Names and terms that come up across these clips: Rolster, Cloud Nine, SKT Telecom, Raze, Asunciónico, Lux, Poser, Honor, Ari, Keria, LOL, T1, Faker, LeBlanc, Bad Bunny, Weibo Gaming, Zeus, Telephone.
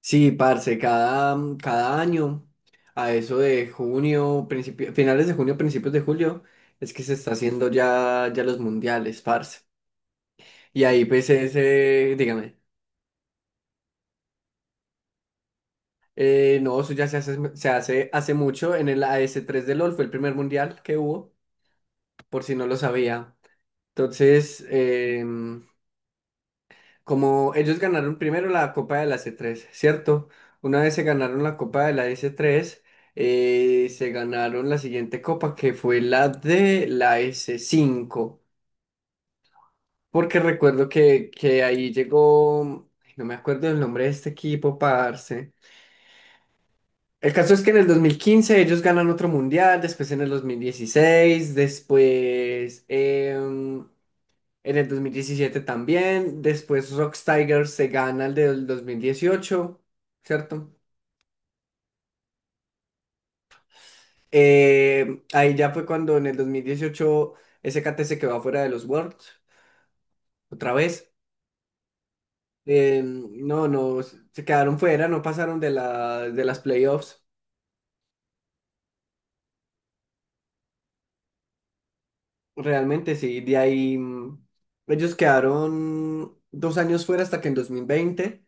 Sí, parce, cada año, a eso de junio, principio, finales de junio, principios de julio, es que se está haciendo ya los mundiales, parce. Y ahí pues ese, dígame, no, eso ya se hace hace mucho, en el AS3 de LOL fue el primer mundial que hubo, por si no lo sabía. Entonces, como ellos ganaron primero la Copa de la c tres, ¿cierto? Una vez se ganaron la Copa de la s tres, se ganaron la siguiente copa que fue la de la s cinco, porque recuerdo que ahí llegó, ay, no me acuerdo el nombre de este equipo, parce. El caso es que en el 2015 ellos ganan otro mundial, después en el 2016, después. En el 2017 también. Después Rocks Tigers se gana el del 2018, ¿cierto? Ahí ya fue cuando en el 2018 SKT se quedó fuera de los Worlds, otra vez. No, no, se quedaron fuera, no pasaron de las playoffs. Realmente sí, de ahí ellos quedaron 2 años fuera hasta que en 2020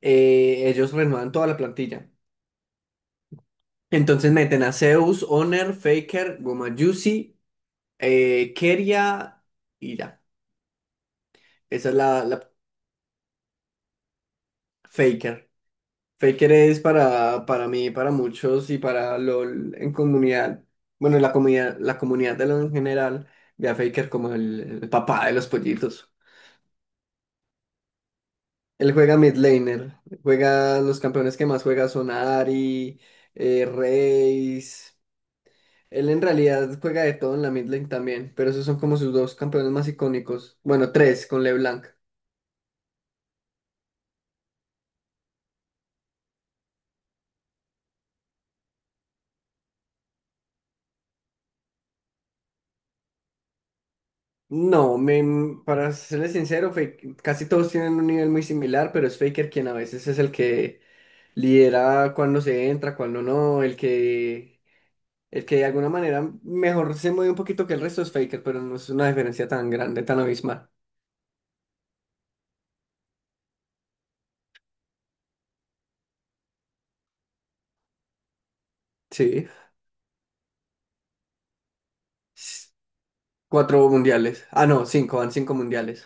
ellos renuevan toda la plantilla. Entonces meten a Zeus, Honor, Faker, Goma Juicy, Keria y ya. Esa es la. Faker. Faker es para mí, para muchos y para LOL en comunidad. Bueno, la comunidad de LOL en general ve a Faker como el papá de los pollitos. Él juega mid laner. Juega, los campeones que más juega son Ari, Raze. Él en realidad juega de todo en la mid lane también, pero esos son como sus dos campeones más icónicos. Bueno, tres con LeBlanc. No, para serles sincero, casi todos tienen un nivel muy similar, pero es Faker quien a veces es el que lidera cuando se entra, cuando no, el que, de alguna manera mejor se mueve un poquito que el resto es Faker, pero no es una diferencia tan grande, tan abismal. Sí. S- Cuatro mundiales. Ah, no, cinco, van cinco mundiales.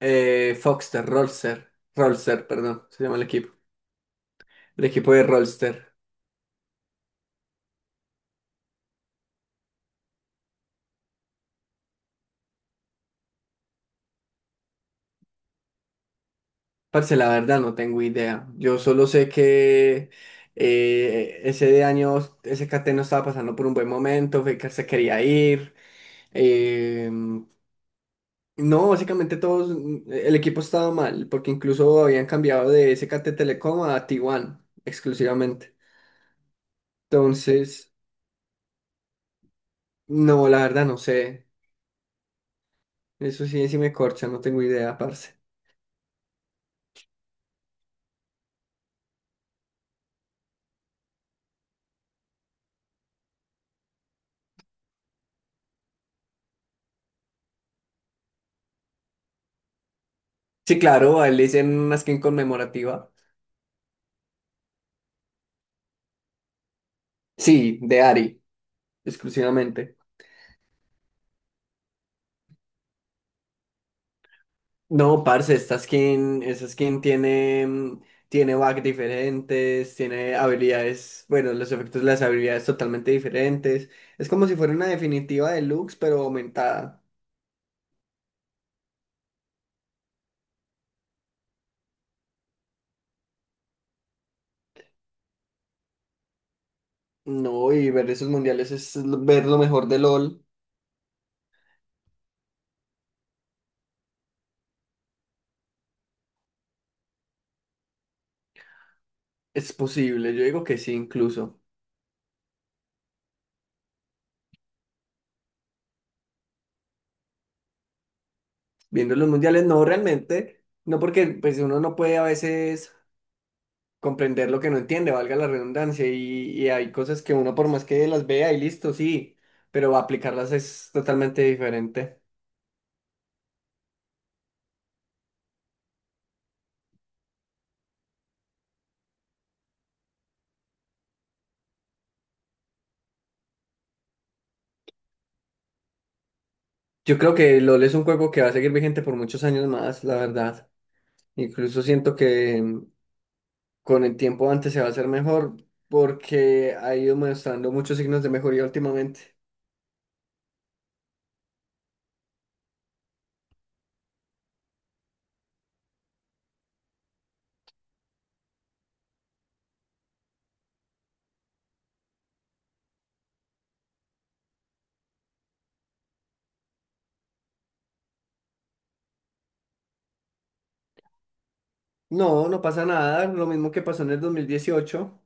Foxter, Rolster, Rolster, perdón, se llama el equipo. El equipo de Rolster. Parce, la verdad no tengo idea. Yo solo sé que ese de año SKT no estaba pasando por un buen momento, fue que se quería ir. Eh, no, básicamente todos, el equipo estaba mal, porque incluso habían cambiado de SKT Telecom a T1 exclusivamente. Entonces, no, la verdad no sé. Eso sí, sí me corcha, no tengo idea, parce. Sí, claro, a él le hicieron una skin conmemorativa. Sí, de Ari, exclusivamente. No, parce, esta skin, esa skin tiene, tiene bugs diferentes, tiene habilidades, bueno, los efectos de las habilidades totalmente diferentes. Es como si fuera una definitiva de Lux, pero aumentada. No, y ver esos mundiales es ver lo mejor de LOL. Es posible, yo digo que sí, incluso. Viendo los mundiales, no realmente, no porque pues uno no puede a veces comprender lo que no entiende, valga la redundancia, y hay cosas que uno por más que las vea y listo, sí, pero aplicarlas es totalmente diferente. Yo creo que LOL es un juego que va a seguir vigente por muchos años más, la verdad. Incluso siento que con el tiempo antes se va a hacer mejor porque ha ido mostrando muchos signos de mejoría últimamente. No, no pasa nada, lo mismo que pasó en el 2018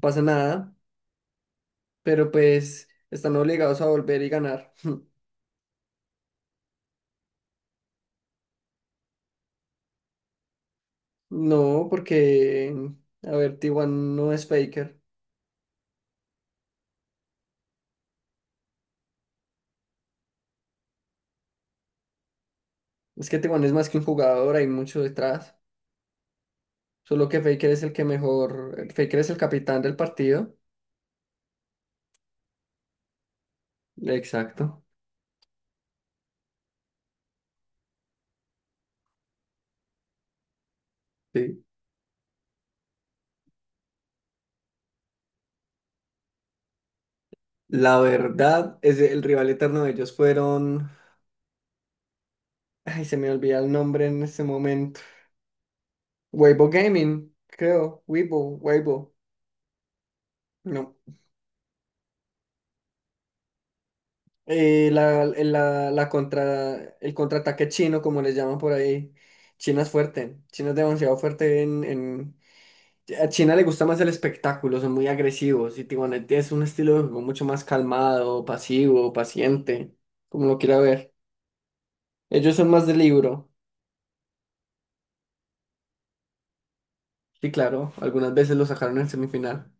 pasa nada, pero pues están obligados a volver y ganar. No, porque, a ver, T1 no es Faker. Es que T1 es más que un jugador, hay mucho detrás. Solo que Faker es el que mejor, el Faker es el capitán del partido. Exacto, sí. La verdad es el rival eterno de ellos fueron. Ay, se me olvida el nombre en este momento. Weibo Gaming, creo. Weibo, Weibo. No. La contra, el contraataque chino, como les llaman por ahí. China es fuerte. China es demasiado fuerte. A China le gusta más el espectáculo, son muy agresivos y Tijuana es un estilo de juego mucho más calmado, pasivo, paciente, como lo quiera ver. Ellos son más de libro y claro, algunas veces lo sacaron en semifinal.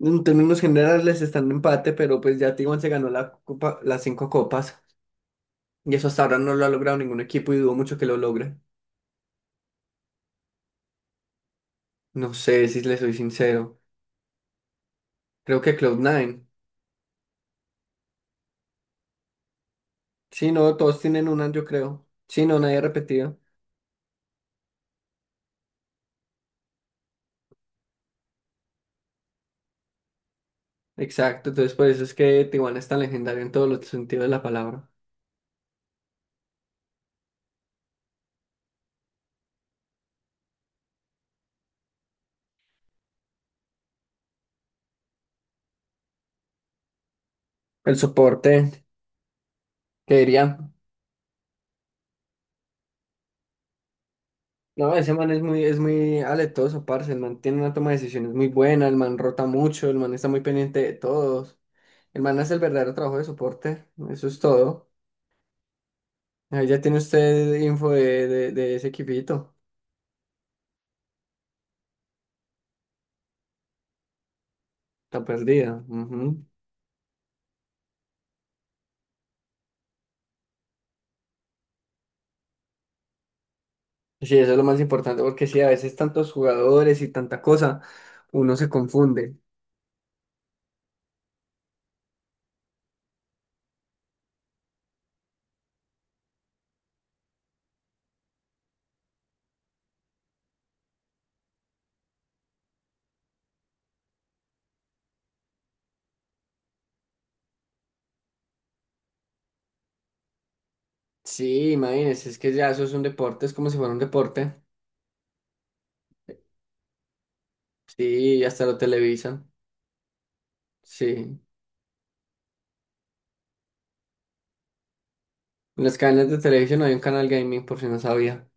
En términos generales están en empate, pero pues ya Tijuana se ganó la copa, las cinco copas y eso hasta ahora no lo ha logrado ningún equipo y dudo mucho que lo logre. No sé si le soy sincero. Creo que Cloud Nine. Sí, no, todos tienen una, yo creo. Sí, no, nadie repetido. Exacto, entonces por eso es que Tijuana es tan legendario en todos los sentidos de la palabra. El soporte, que diría, no, ese man es muy aletoso, parce, el man tiene una toma de decisiones muy buena, el man rota mucho, el man está muy pendiente de todos, el man hace el verdadero trabajo de soporte, eso es todo. Ahí ya tiene usted info de ese equipito, está perdida. Ujú. Sí, eso es lo más importante, porque sí, a veces tantos jugadores y tanta cosa, uno se confunde. Sí, imagínense, es que ya eso es un deporte, es como si fuera un deporte. Sí, y hasta lo televisan. Sí. En las cadenas de televisión hay un canal gaming, por si no sabía.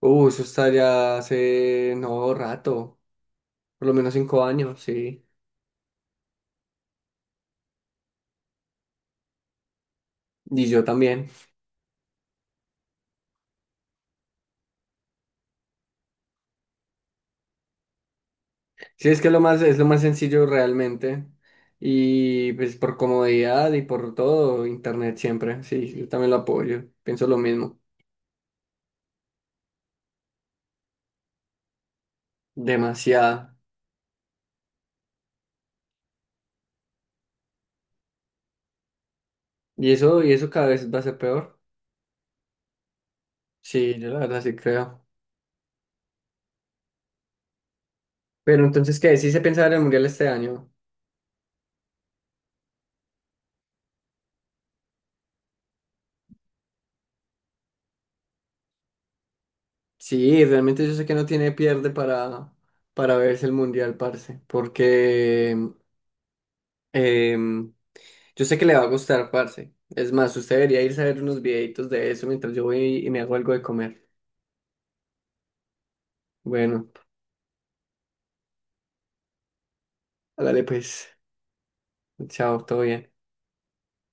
Eso está ya hace no rato, por lo menos 5 años, sí. Y yo también. Sí, es que lo más, es lo más sencillo realmente. Y pues por comodidad y por todo, internet siempre. Sí, yo también lo apoyo. Pienso lo mismo. Demasiado. Y eso cada vez va a ser peor. Sí, yo la verdad sí creo. Pero entonces, ¿qué? Sí se piensa ver el mundial este año. Sí, realmente yo sé que no tiene pierde para verse el mundial, parce. Porque em, yo sé que le va a gustar, parce. Es más, usted debería irse a ver unos videitos de eso mientras yo voy y me hago algo de comer. Bueno, hágale pues. Chao, todo bien.